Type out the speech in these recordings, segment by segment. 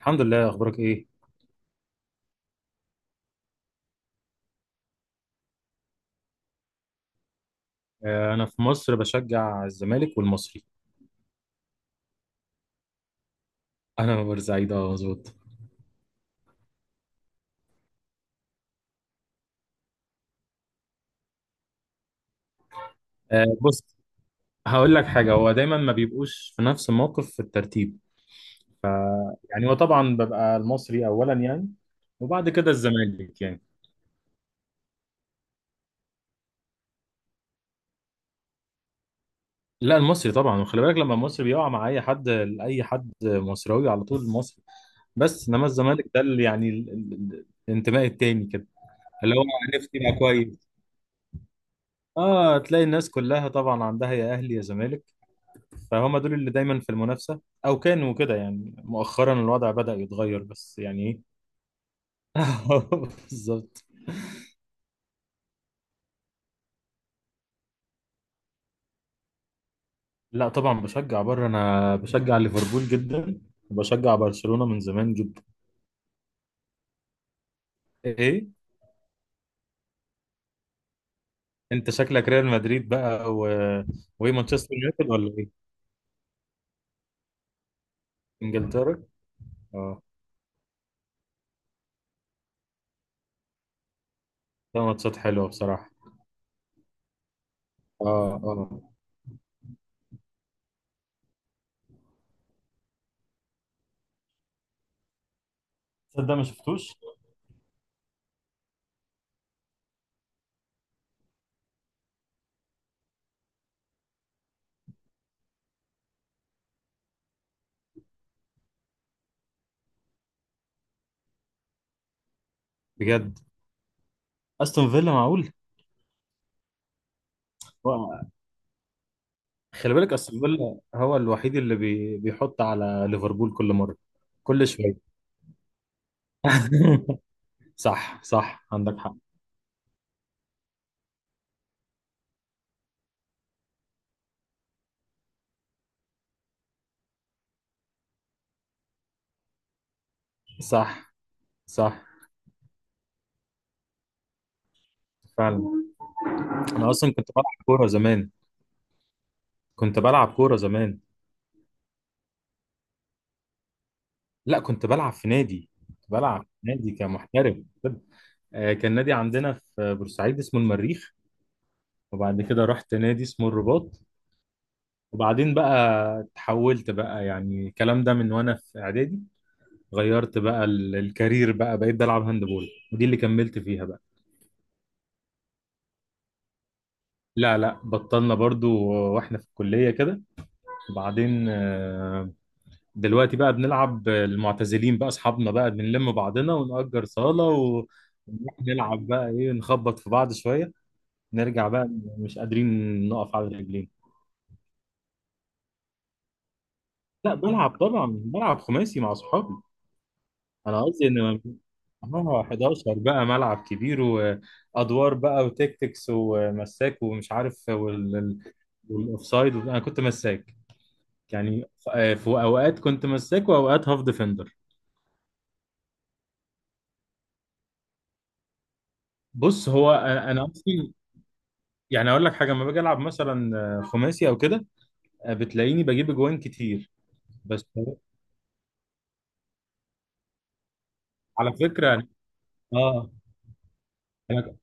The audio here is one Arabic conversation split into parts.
الحمد لله، اخبارك ايه؟ انا في مصر بشجع الزمالك والمصري. انا من بورسعيد، اه مظبوط. بص، هقول لك حاجه. هو دايما ما بيبقوش في نفس الموقف في الترتيب. يعني هو طبعا ببقى المصري اولا، يعني. وبعد كده الزمالك، يعني. لا، المصري طبعا. وخلي بالك، لما المصري بيقع مع اي حد، اي حد مصراوي، على طول المصري. بس انما الزمالك ده اللي يعني الانتماء التاني كده. اللي هو، عرفت؟ يبقى كويس. اه، تلاقي الناس كلها طبعا عندها يا اهلي يا زمالك. فهم دول اللي دايما في المنافسة، أو كانوا كده. يعني مؤخرا الوضع بدأ يتغير، بس يعني إيه. بالظبط. لا طبعا، بشجع بره. أنا بشجع ليفربول جدا، وبشجع برشلونة من زمان جدا. إيه. أنت شكلك ريال مدريد بقى وإيه، مانشستر يونايتد ولا إيه؟ إنجلترا؟ أه. ده ماتشات حلوة بصراحة. أه أه. تصدق ما شفتوش؟ بجد؟ أستون فيلا؟ معقول. و- خلي بالك، أستون فيلا هو الوحيد اللي بيحط على ليفربول كل مرة. كل شوية. صح صح، عندك حق. صح صح. فعلا. انا اصلا كنت بلعب كوره زمان. كنت بلعب كوره زمان. لا، كنت بلعب في نادي. كنت بلعب في نادي كمحترف، كده. كان نادي عندنا في بورسعيد اسمه المريخ، وبعد كده رحت نادي اسمه الرباط، وبعدين بقى تحولت بقى. يعني الكلام ده من وانا في اعدادي، غيرت بقى الكارير بقى. بقيت بلعب هاندبول، ودي اللي كملت فيها بقى. لا لا، بطلنا برضو. واحنا في الكلية كده. وبعدين دلوقتي بقى بنلعب المعتزلين بقى، اصحابنا بقى بنلم بعضنا ونأجر صالة ونروح نلعب بقى ايه، نخبط في بعض شوية، نرجع بقى مش قادرين نقف على رجلين. لا، بلعب طبعا. بلعب خماسي مع اصحابي. انا قصدي ان، اه 11 بقى ملعب كبير وادوار بقى وتكتكس ومساك ومش عارف والاوفسايد. انا كنت مساك. يعني في اوقات كنت مساك واوقات هاف ديفندر. بص، هو انا اصلا. يعني اقول لك حاجه، لما باجي العب مثلا خماسي او كده، بتلاقيني بجيب اجوان كتير. بس على فكره اه، انا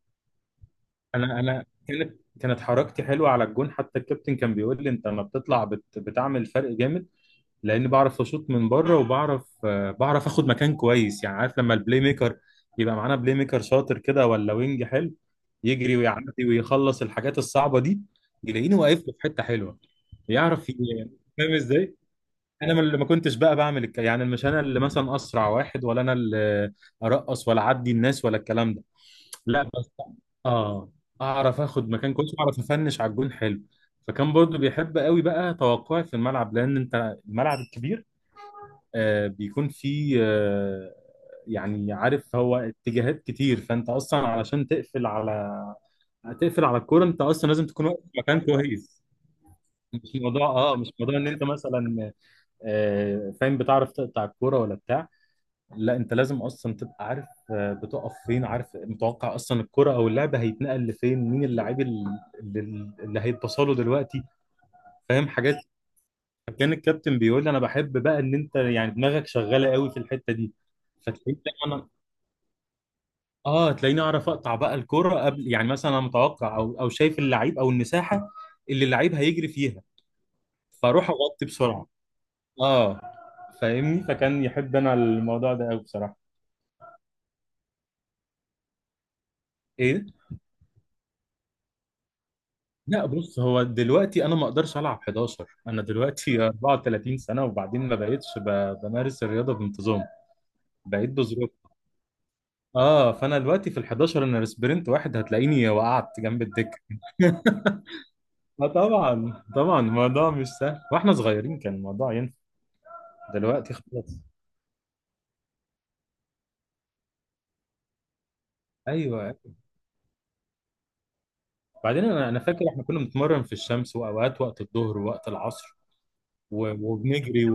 انا كانت حركتي حلوه على الجون. حتى الكابتن كان بيقول لي، انت لما بتطلع بتعمل فرق جامد. لاني بعرف اشوط من بره، وبعرف بعرف اخد مكان كويس. يعني عارف، لما البلاي ميكر يبقى معانا بلاي ميكر شاطر كده، ولا وينج حلو يجري ويعدي ويخلص الحاجات الصعبه دي، يلاقيني واقف له في حته حلوه. يعرف ي- فاهم ازاي؟ انا ما كنتش بقى بعمل يعني مش انا اللي مثلا اسرع واحد، ولا انا اللي ارقص، ولا اعدي الناس ولا الكلام ده. لا بس، اه، اعرف اخد مكان كويس واعرف افنش على الجون حلو. فكان برضو بيحب قوي بقى توقعي في الملعب، لان انت الملعب الكبير بيكون فيه يعني، عارف، هو اتجاهات كتير. فانت اصلا علشان تقفل على، تقفل على الكوره، انت اصلا لازم تكون واقف في مكان كويس. مش موضوع ان انت مثلا فاهم بتعرف تقطع الكوره ولا بتاع. لا، انت لازم اصلا تبقى عارف بتقف فين، عارف، متوقع اصلا الكرة او اللعبة هيتنقل لفين، مين اللاعب اللي, اللي هيتبصله دلوقتي، فاهم حاجات. كان الكابتن بيقول لي، انا بحب بقى ان انت يعني دماغك شغالة قوي في الحتة دي. فتلاقيني انا اه تلاقيني اعرف اقطع بقى الكرة قبل، يعني مثلا انا متوقع، او شايف اللعيب او المساحة اللي اللعيب هيجري فيها، فاروح اغطي بسرعة. اه، فاهمني؟ فكان يحب انا الموضوع ده قوي بصراحة. ايه؟ لا بص، هو دلوقتي انا ما اقدرش العب 11. انا دلوقتي 34 سنه، وبعدين ما بقتش بمارس الرياضه بانتظام. بقيت بظروف. اه، فانا دلوقتي في ال 11، انا سبرنت واحد هتلاقيني وقعت جنب الدكه. اه، طبعا طبعا، الموضوع مش سهل. واحنا صغيرين كان الموضوع ينفع، دلوقتي خلاص. ايوه. بعدين انا فاكر احنا كنا بنتمرن في الشمس، واوقات وقت الظهر ووقت العصر وبنجري.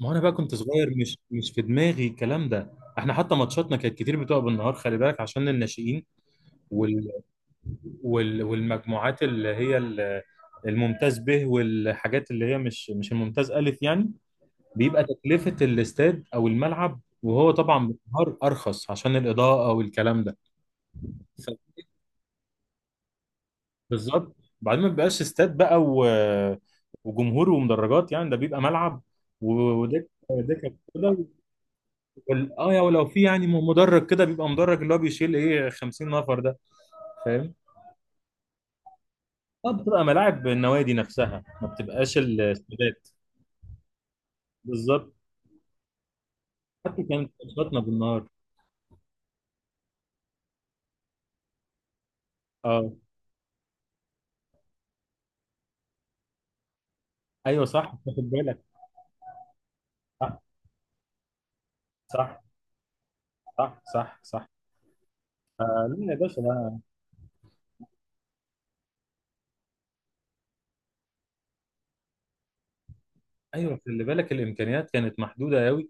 ما هو انا بقى كنت صغير، مش في دماغي الكلام ده. احنا حتى ماتشاتنا كانت كتير بتبقى بالنهار، خلي بالك عشان الناشئين وال... والمجموعات اللي هي الممتاز به، والحاجات اللي هي مش الممتاز الف يعني. بيبقى تكلفة الاستاد او الملعب، وهو طبعا بالنهار ارخص عشان الاضاءة والكلام ده. ف- بالظبط. بعدين ما بيبقاش استاد بقى وجمهور ومدرجات. يعني ده بيبقى ملعب ودكة دكة. يا ولو في يعني مدرج كده، بيبقى مدرج اللي هو بيشيل ايه 50 نفر ده، فاهم؟ اه، بتبقى ملاعب النوادي نفسها، ما بتبقاش الاستادات. بالظبط. حتى كانت ماتشاتنا بالنهار. اه ايوه، صح تاخد بالك. صح. صح صح صح. صح لا يا باشا، لا. ايوه خلي بالك، الامكانيات كانت محدوده قوي.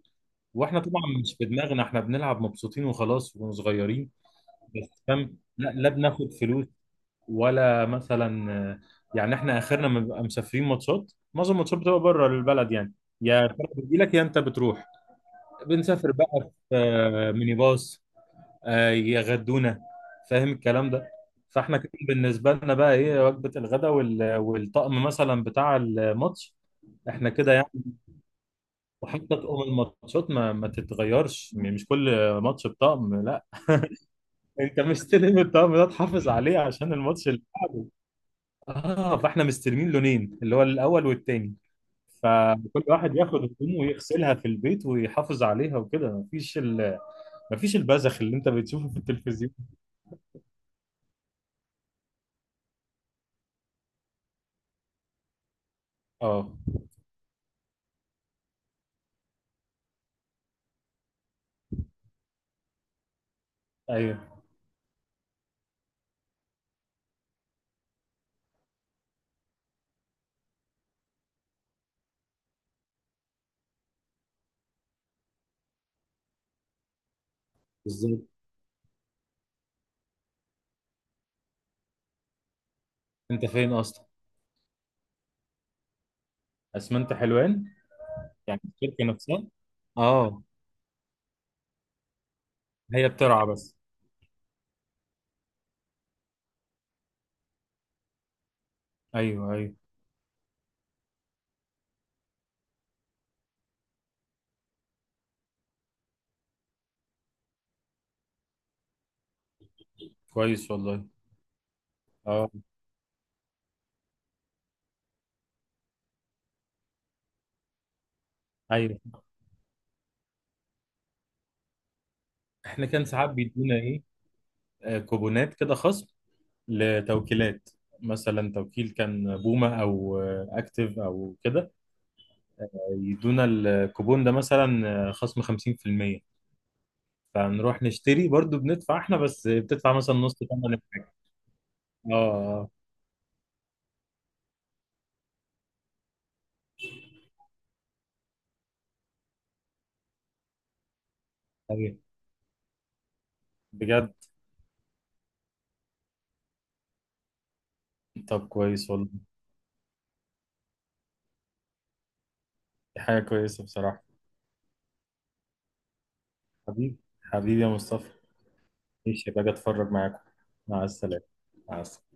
واحنا طبعا مش في دماغنا، احنا بنلعب مبسوطين وخلاص واحنا صغيرين. بس فاهم، لا لا، بناخد فلوس ولا مثلا؟ يعني احنا اخرنا ما بنبقى مسافرين ماتشات، معظم الماتشات بتبقى بره البلد يعني. يا الفرق بتجيلك، يا انت بتروح. بنسافر بقى في ميني باص، يغدونا، فاهم الكلام ده؟ فاحنا كده بالنسبه لنا بقى ايه، وجبه الغداء والطقم مثلا بتاع الماتش. احنا كده يعني. وحتى طقم الماتشات ما تتغيرش، مش كل ماتش بطقم، لا. انت مستلم الطقم ده تحافظ عليه عشان الماتش. اه، فاحنا مستلمين لونين، اللي هو الاول والتاني. فكل واحد ياخد هدومه ويغسلها في البيت ويحافظ عليها، وكده مفيش البذخ اللي انت بتشوفه في التلفزيون. اه ايوه، بالظبط. انت فين اصلا؟ اسمنت حلوان؟ يعني الشركه نفسها؟ اه، هي بترعى بس. ايوه ايوه. كويس والله. اه ايوه، احنا كان ساعات بيدونا ايه، كوبونات كده خصم لتوكيلات. مثلا توكيل كان بومه او اكتيف او كده، يدونا الكوبون ده مثلا خصم 50%. فنروح نشتري برضو، بندفع احنا، بس بتدفع مثلا نص ثمن الحاجة. اه ايوه، بجد. طب كويس والله. دي حاجة كويسة بصراحة. حبيبي. حبيبي يا مصطفى. ماشي، باجي اتفرج معاكم. مع السلامة. مع السلامة.